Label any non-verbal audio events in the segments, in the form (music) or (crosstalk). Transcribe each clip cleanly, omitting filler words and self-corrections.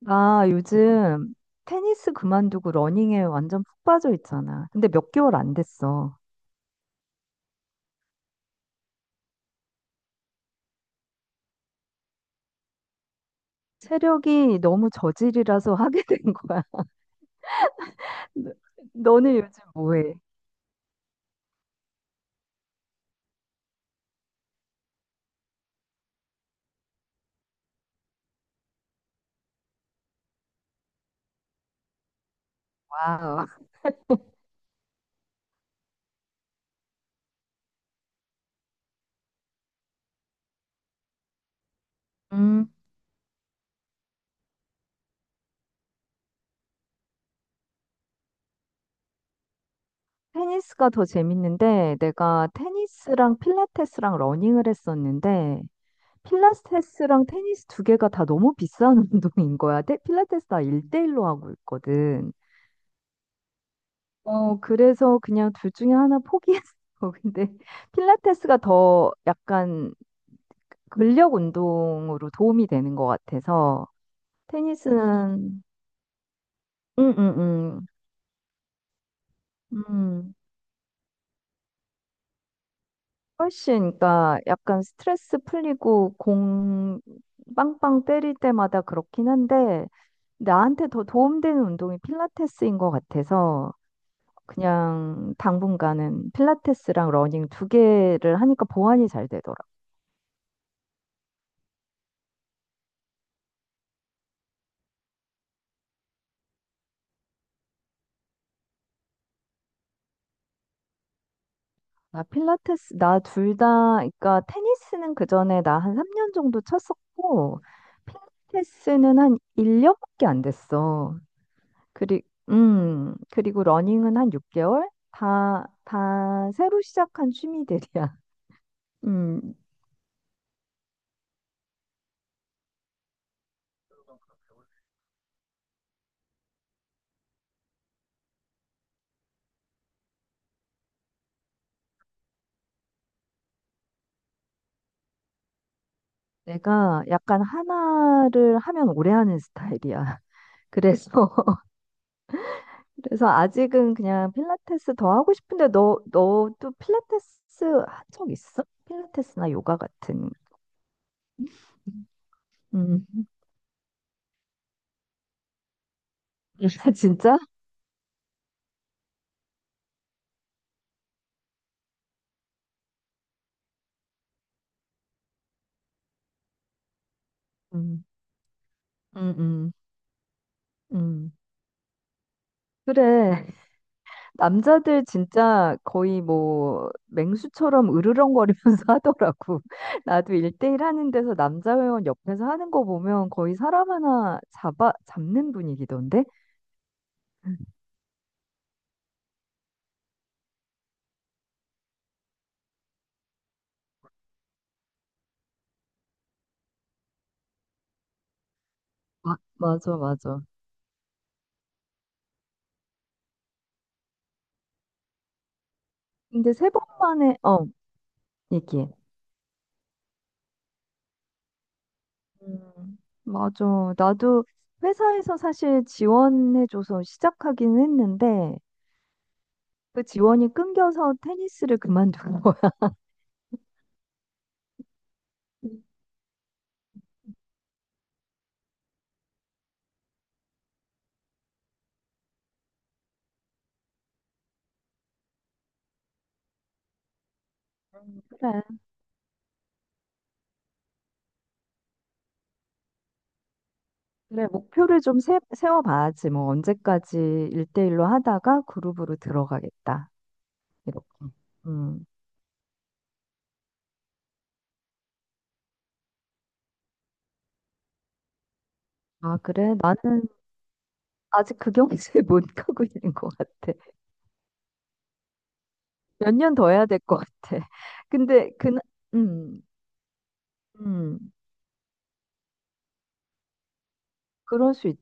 나 요즘 테니스 그만두고 러닝에 완전 푹 빠져 있잖아. 근데 몇 개월 안 됐어. 체력이 너무 저질이라서 (laughs) 하게 된 거야. (laughs) 너- 너는 요즘 뭐해? 와우. 음, 테니스가 더 재밌는데 내가 테니스랑 필라테스랑 러닝을 했었는데 필라테스랑 테니스 두 개가 다 너무 비싼 (laughs) 운동인 거야. 필라테스 나 1대1로 하고 있거든. 어, 그래서 그냥 둘 중에 하나 포기했어. (laughs) 근데 필라테스가 더 약간 근력 운동으로 도움이 되는 것 같아서 테니스는 음, 음, 음, 음. 훨씬 그러니까 약간 스트레스 풀리고 공 빵빵 때릴 때마다 그렇긴 한데 나한테 더 도움되는 운동이 필라테스인 것 같아서 그냥 당분간은 필라테스랑 러닝 두 개를 하니까 보완이 잘 되더라고요. 나 필라테스, 나 둘 다, 그러니까 테니스는 그 전에 나 한 3년 정도 쳤었고, 필라테스는 한 1년밖에 안 됐어. 그리, 그리고 러닝은 한 6개월? 다 새로 시작한 취미들이야. (laughs) 음, 내가 약간 하나를 하면 오래 하는 스타일이야. (laughs) 그래서, (laughs) 그래서 아직은 그냥 필라테스 더 하고 싶은데, 너도 필라테스 한 적 있어? 필라테스나 요가 같은. 음. (laughs) 진짜? 음, 음, 음, 음. 그래. 남자들 진짜 거의 뭐 맹수처럼 으르렁거리면서 (laughs) 하더라고. 나도 일대일 하는 데서 남자 회원 옆에서 하는 거 보면 거의 사람 하나 잡는 분위기던데? 맞아, 맞아. 근데 세 번 만에, 어, 얘기해. 음, 맞아. 나도 회사에서 사실 지원해줘서 시작하긴 했는데, 그 지원이 끊겨서 테니스를 그만둔 거야. (laughs) 그래. 그래, 목표를 좀 세워봐야지. 뭐, 언제까지 일대일로 하다가 그룹으로 들어가겠다. 이렇게. 음. 아, 그래? 나는 아직 그 경지에 (laughs) 못 가고 있는 것 같아. 몇 년 더 해야 될 것 같아. 근데, 그, 음, 음, 그럴 수 있지.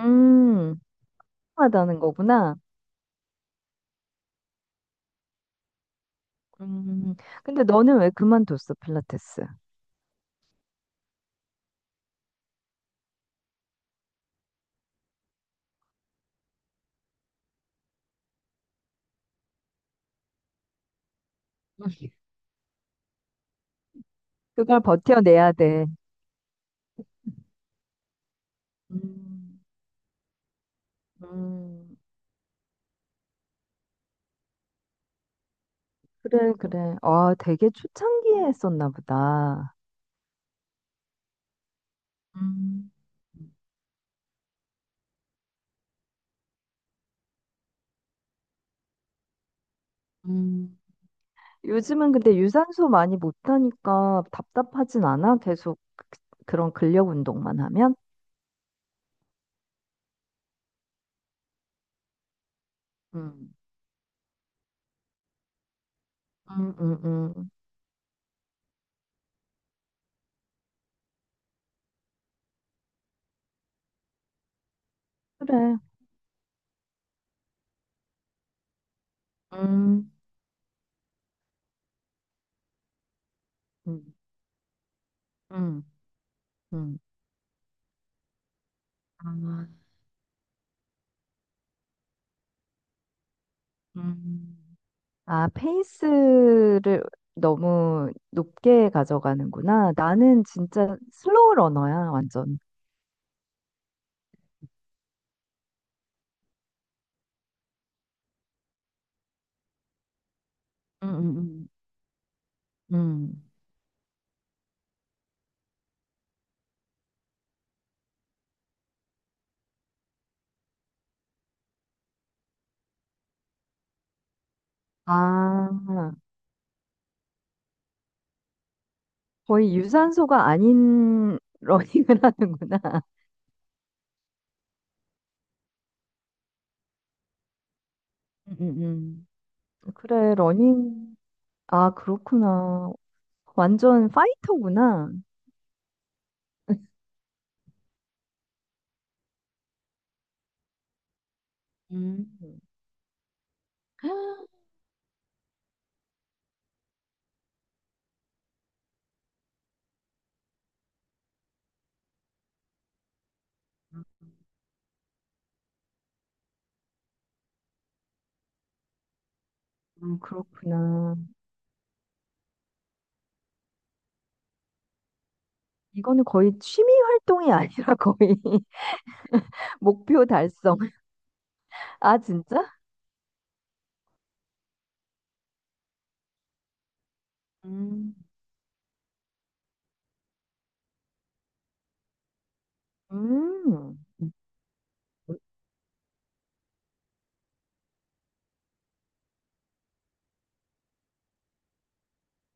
음, 하다는 거구나. 음, 근데 너는 왜 그만뒀어, 필라테스? 음. 그걸 버텨내야 돼. 음, 음. 그래, 그래. 아, 되게 초창기에 했었나 보다. 음, 음. 요즘은 근데 유산소 많이 못하니까 답답하진 않아? 계속 그런 근력 운동만 하면? 음, 음, 음, 음. 그래. 음, 음, 음, 음. 아, 음. 아, 페이스를 너무 높게 가져가는구나. 나는 진짜 슬로우 러너야, 완전. 음, 음, 음. 아, 아, 거의 유산소가 아닌 (laughs) 러닝을 하는구나. 음, 음, 그래, 러닝. 아, 그렇구나. 완전 파이터구나. 음. 그렇구나. 이거는 거의 취미 활동이 아니라 (laughs) 거의 목표 달성. 아, 진짜? 음. 음, 음.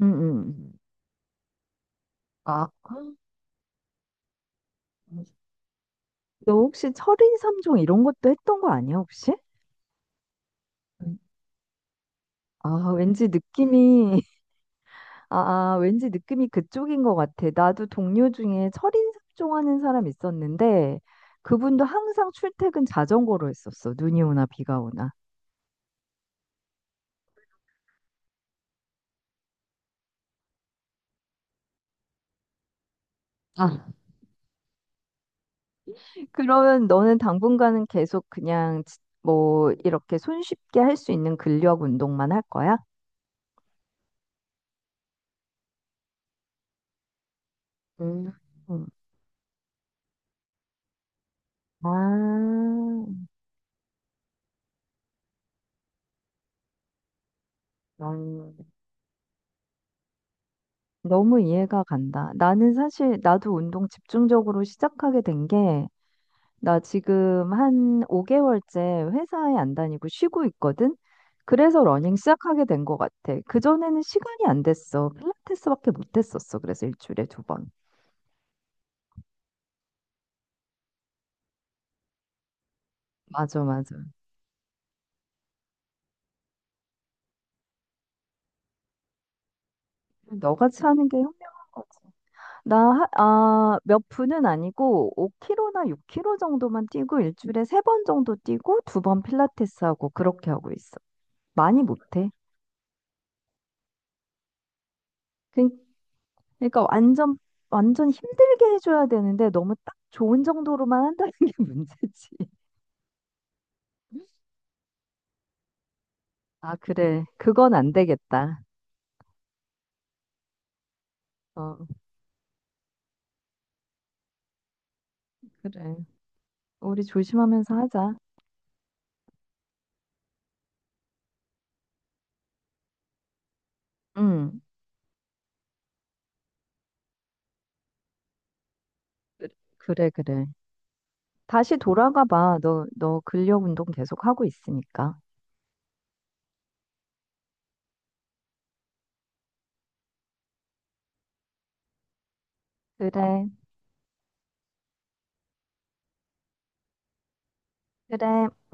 음, 음. 아, 너 혹시 철인 삼종 이런 것도 했던 거 아니야, 혹시? 음. 아, 왠지 느낌이 아, 아, 왠지 느낌이 그쪽인 것 같아. 나도 동료 중에 철인삼종 하는 사람 있었는데, 그분도 항상 출퇴근 자전거로 했었어. 눈이 오나 비가 오나. 아, 그러면 너는 당분간은 계속 그냥 뭐 이렇게 손쉽게 할 수 있는 근력 운동만 할 거야? 음, 음, 아, 난, 너무 이해가 간다. 나는 사실 나도 운동 집중적으로 시작하게 된게 나 지금 한 5개월째 회사에 안 다니고 쉬고 있거든? 그래서 러닝 시작하게 된 것 같아. 그전에는 시간이 안 됐어. 필라테스밖에 못 했었어. 그래서 일주일에 두 번. 맞아, 맞아. 너같이 하는 게 현명한 거지. 나, 하- 아, 몇 분은 아니고 5km나 6km 정도만 뛰고 일주일에 세 번 정도 뛰고 두 번 필라테스 하고 그렇게 하고 있어. 많이 못 해. 그러니까 완전 완전 힘들게 해줘야 되는데 너무 딱 좋은 정도로만 한다는 게 (laughs) 문제지. 아, 그래. 그건 안 되겠다. 어, 그래. 우리 조심하면서 하자. 응. 그- 그래, 그래. 다시 돌아가 봐. 너 근력 운동 계속 하고 있으니까. 그래, 그래.